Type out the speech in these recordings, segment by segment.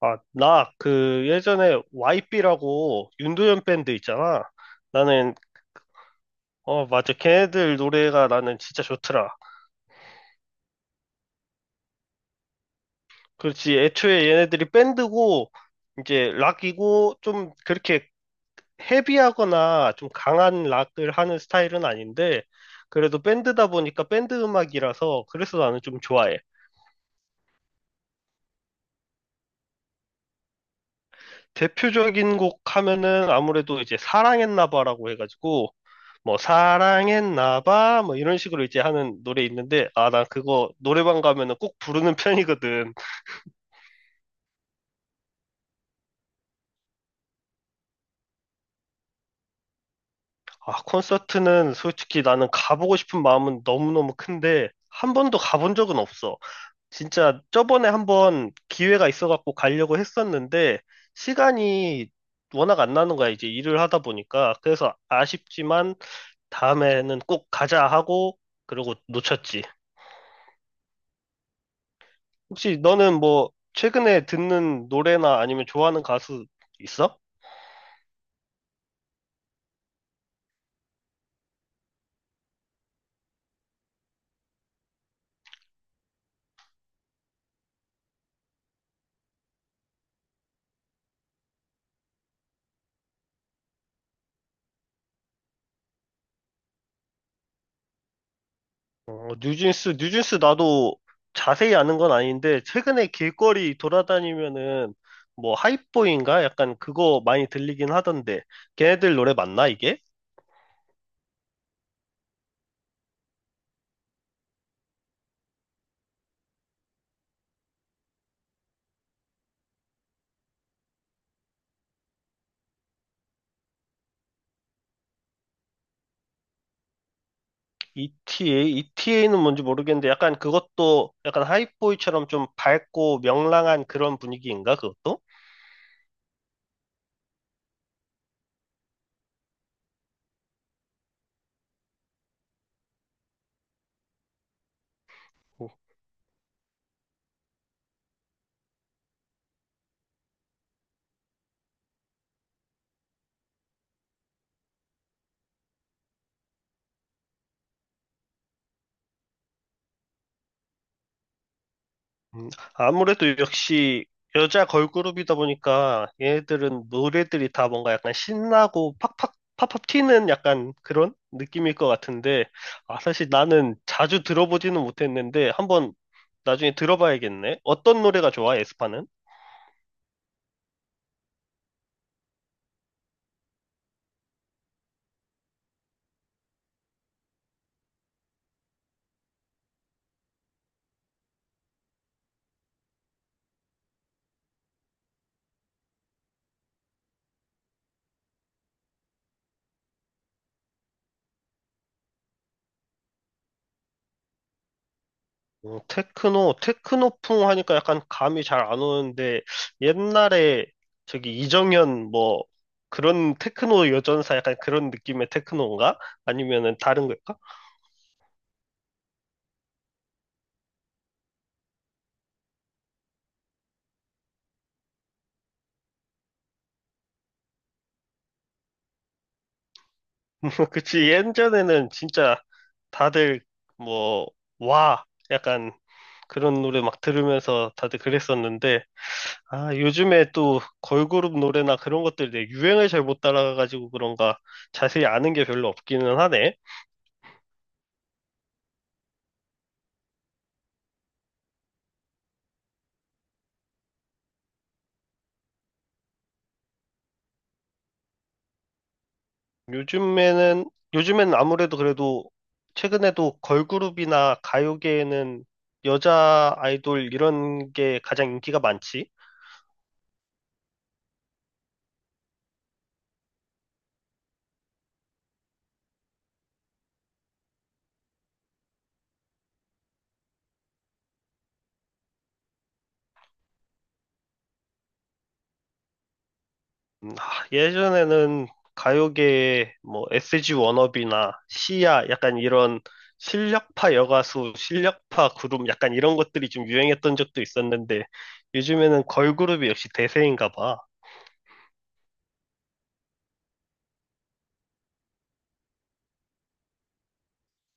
아, 나, 그, 예전에 YB라고 윤도현 밴드 있잖아. 나는, 어, 맞아. 걔네들 노래가 나는 진짜 좋더라. 그렇지. 애초에 얘네들이 밴드고, 이제 락이고, 좀 그렇게 헤비하거나 좀 강한 락을 하는 스타일은 아닌데, 그래도 밴드다 보니까 밴드 음악이라서, 그래서 나는 좀 좋아해. 대표적인 곡 하면은 아무래도 이제 사랑했나 봐라고 해가지고 뭐 사랑했나 봐 뭐 이런 식으로 이제 하는 노래 있는데 아 난 그거 노래방 가면은 꼭 부르는 편이거든. 아 콘서트는 솔직히 나는 가보고 싶은 마음은 너무너무 큰데 한 번도 가본 적은 없어. 진짜 저번에 한번 기회가 있어갖고 가려고 했었는데 시간이 워낙 안 나는 거야 이제 일을 하다 보니까 그래서 아쉽지만 다음에는 꼭 가자 하고, 그러고 놓쳤지. 혹시 너는 뭐, 최근에 듣는 노래나 아니면 좋아하는 가수 있어? 어, 뉴진스, 뉴진스 나도 자세히 아는 건 아닌데, 최근에 길거리 돌아다니면은, 뭐, 하이보인가? 약간 그거 많이 들리긴 하던데, 걔네들 노래 맞나, 이게? ETA? ETA는 뭔지 모르겠는데, 약간 그것도, 약간 하이보이처럼 좀 밝고 명랑한 그런 분위기인가, 그것도? 음, 아무래도 역시 여자 걸그룹이다 보니까 얘네들은 노래들이 다 뭔가 약간 신나고 팍팍 팍팍 튀는 약간 그런 느낌일 것 같은데 아, 사실 나는 자주 들어보지는 못했는데 한번 나중에 들어봐야겠네. 어떤 노래가 좋아, 에스파는? 어, 테크노, 테크노풍 하니까 약간 감이 잘 안 오는데 옛날에 저기 이정현 뭐 그런 테크노 여전사 약간 그런 느낌의 테크노인가? 아니면은 다른 걸까? 그치. 예전에는 진짜 다들 뭐, 와. 약간 그런 노래 막 들으면서 다들 그랬었는데, 아, 요즘에 또 걸그룹 노래나 그런 것들 내 유행을 잘 못 따라가가지고 그런가 자세히 아는 게 별로 없기는 하네. 요즘에는, 요즘엔 아무래도 그래도 최근에도 걸그룹이나 가요계에는 여자 아이돌 이런 게 가장 인기가 많지. 아, 예전에는 가요계에 뭐 SG 워너비나 시아 약간 이런 실력파 여가수, 실력파 그룹 약간 이런 것들이 좀 유행했던 적도 있었는데 요즘에는 걸그룹이 역시 대세인가 봐.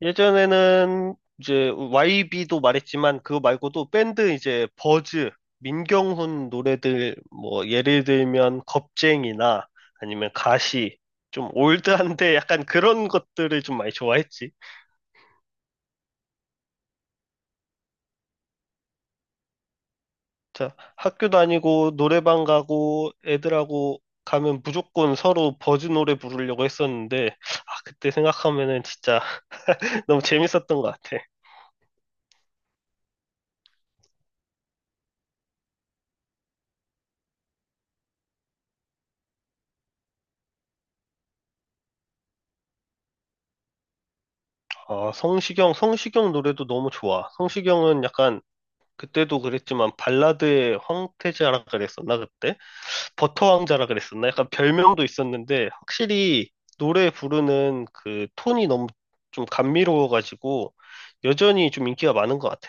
예전에는 이제 YB도 말했지만 그거 말고도 밴드 이제 버즈, 민경훈 노래들 뭐 예를 들면 겁쟁이나 아니면 가시 좀 올드한데 약간 그런 것들을 좀 많이 좋아했지. 자, 학교 다니고 노래방 가고 애들하고 가면 무조건 서로 버즈 노래 부르려고 했었는데 아, 그때 생각하면은 진짜 너무 재밌었던 것 같아. 아, 성시경, 성시경 노래도 너무 좋아. 성시경은 약간 그때도 그랬지만 발라드의 황태자라 그랬었나 그때? 버터 왕자라 그랬었나? 약간 별명도 있었는데 확실히 노래 부르는 그 톤이 너무 좀 감미로워가지고 여전히 좀 인기가 많은 것 같아.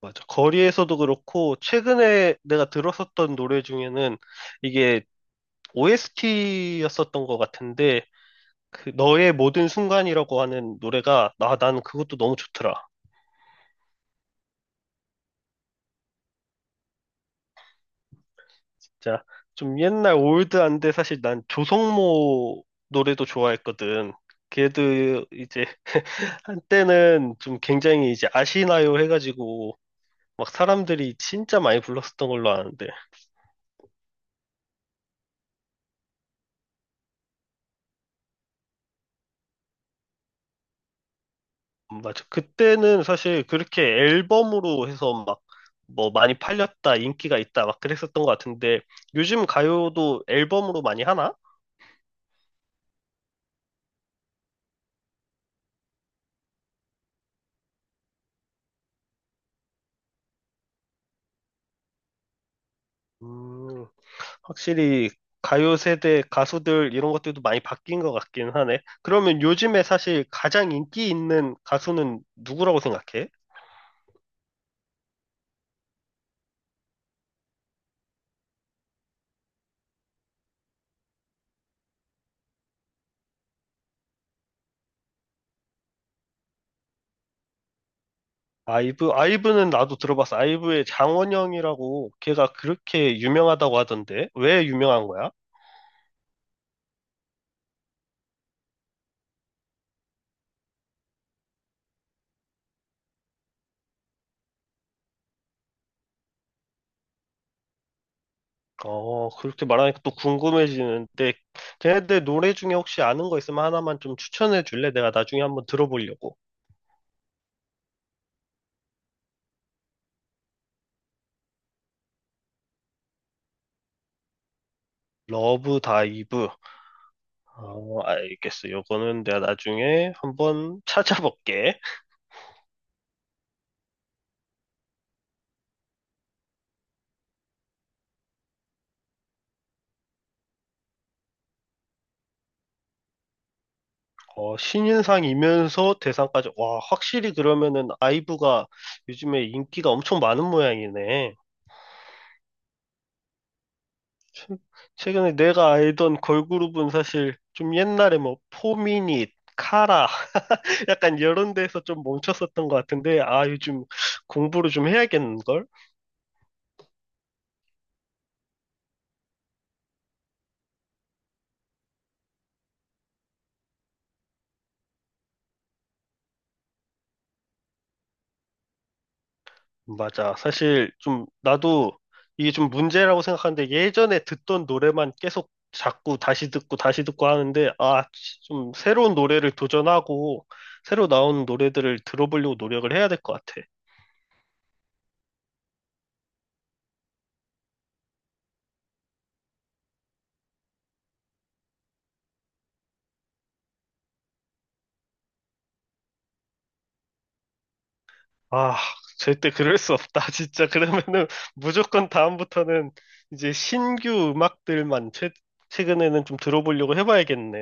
맞아. 거리에서도 그렇고, 최근에 내가 들었었던 노래 중에는 이게 OST였었던 것 같은데, 그 너의 모든 순간이라고 하는 노래가, 아, 나는 그것도 너무 좋더라. 진짜 좀 옛날 올드한데 사실 난 조성모 노래도 좋아했거든. 걔도 이제 한때는 좀 굉장히 이제 아시나요 해가지고, 막 사람들이 진짜 많이 불렀었던 걸로 아는데, 맞아. 그때는 사실 그렇게 앨범으로 해서 막 뭐 많이 팔렸다, 인기가 있다, 막 그랬었던 것 같은데 요즘 가요도 앨범으로 많이 하나? 음, 확실히 가요 세대 가수들 이런 것들도 많이 바뀐 것 같긴 하네. 그러면 요즘에 사실 가장 인기 있는 가수는 누구라고 생각해? 아이브? 아이브는 나도 들어봤어. 아이브의 장원영이라고 걔가 그렇게 유명하다고 하던데 왜 유명한 거야? 어, 그렇게 말하니까 또 궁금해지는데, 걔네들 노래 중에 혹시 아는 거 있으면 하나만 좀 추천해 줄래? 내가 나중에 한번 들어보려고. 러브 다이브. 어, 알겠어. 요거는 내가 나중에 한번 찾아볼게. 어, 신인상이면서 대상까지. 와, 확실히 그러면은 아이브가 요즘에 인기가 엄청 많은 모양이네. 최근에 내가 알던 걸그룹은 사실 좀 옛날에 뭐 포미닛, 카라, 약간 이런 데서 좀 멈췄었던 것 같은데, 아, 요즘 공부를 좀 해야겠는걸? 맞아. 사실 좀 나도 이게 좀 문제라고 생각하는데, 예전에 듣던 노래만 계속 자꾸 다시 듣고 다시 듣고 하는데, 아, 좀 새로운 노래를 도전하고, 새로 나오는 노래들을 들어보려고 노력을 해야 될 것 같아. 아, 절대 그럴 수 없다. 진짜 그러면은 무조건 다음부터는 이제 신규 음악들만 최근에는 좀 들어보려고 해봐야겠네.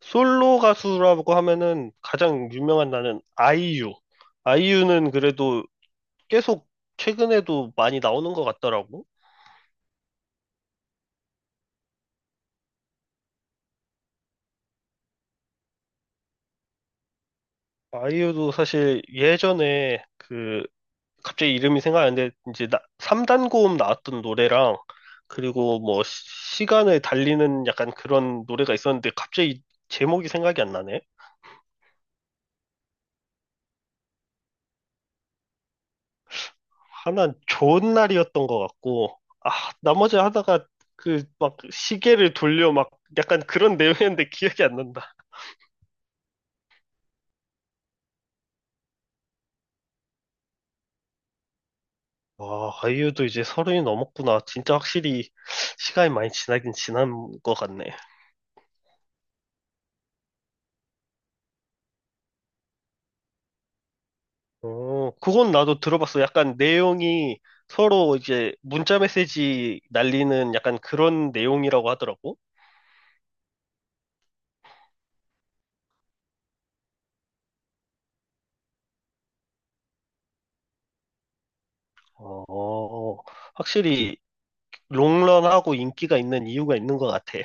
솔로 가수라고 하면은 가장 유명한 나는 아이유. 아이유는 그래도 계속 최근에도 많이 나오는 것 같더라고. 아이유도 사실 예전에 그 갑자기 이름이 생각 안 나는데 이제 나, 3단 고음 나왔던 노래랑 그리고 뭐 시간을 달리는 약간 그런 노래가 있었는데 갑자기 제목이 생각이 안 나네. 하나는 좋은 날이었던 것 같고, 아, 나머지 하다가 그 막 시계를 돌려 막 약간 그런 내용이었는데 기억이 안 난다. 와, 아이유도 이제 서른이 넘었구나. 진짜 확실히 시간이 많이 지나긴 지난 것 같네. 어, 그건 나도 들어봤어. 약간 내용이 서로 이제 문자 메시지 날리는 약간 그런 내용이라고 하더라고. 어, 확실히 롱런하고 인기가 있는 이유가 있는 것 같아.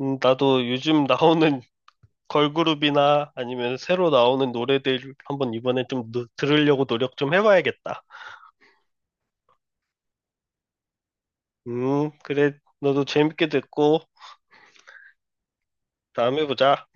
나도 요즘 나오는 걸그룹이나 아니면 새로 나오는 노래들 한번 이번에 좀 들으려고 노력 좀 해봐야겠다. 그래. 너도 재밌게 듣고 다음에 보자.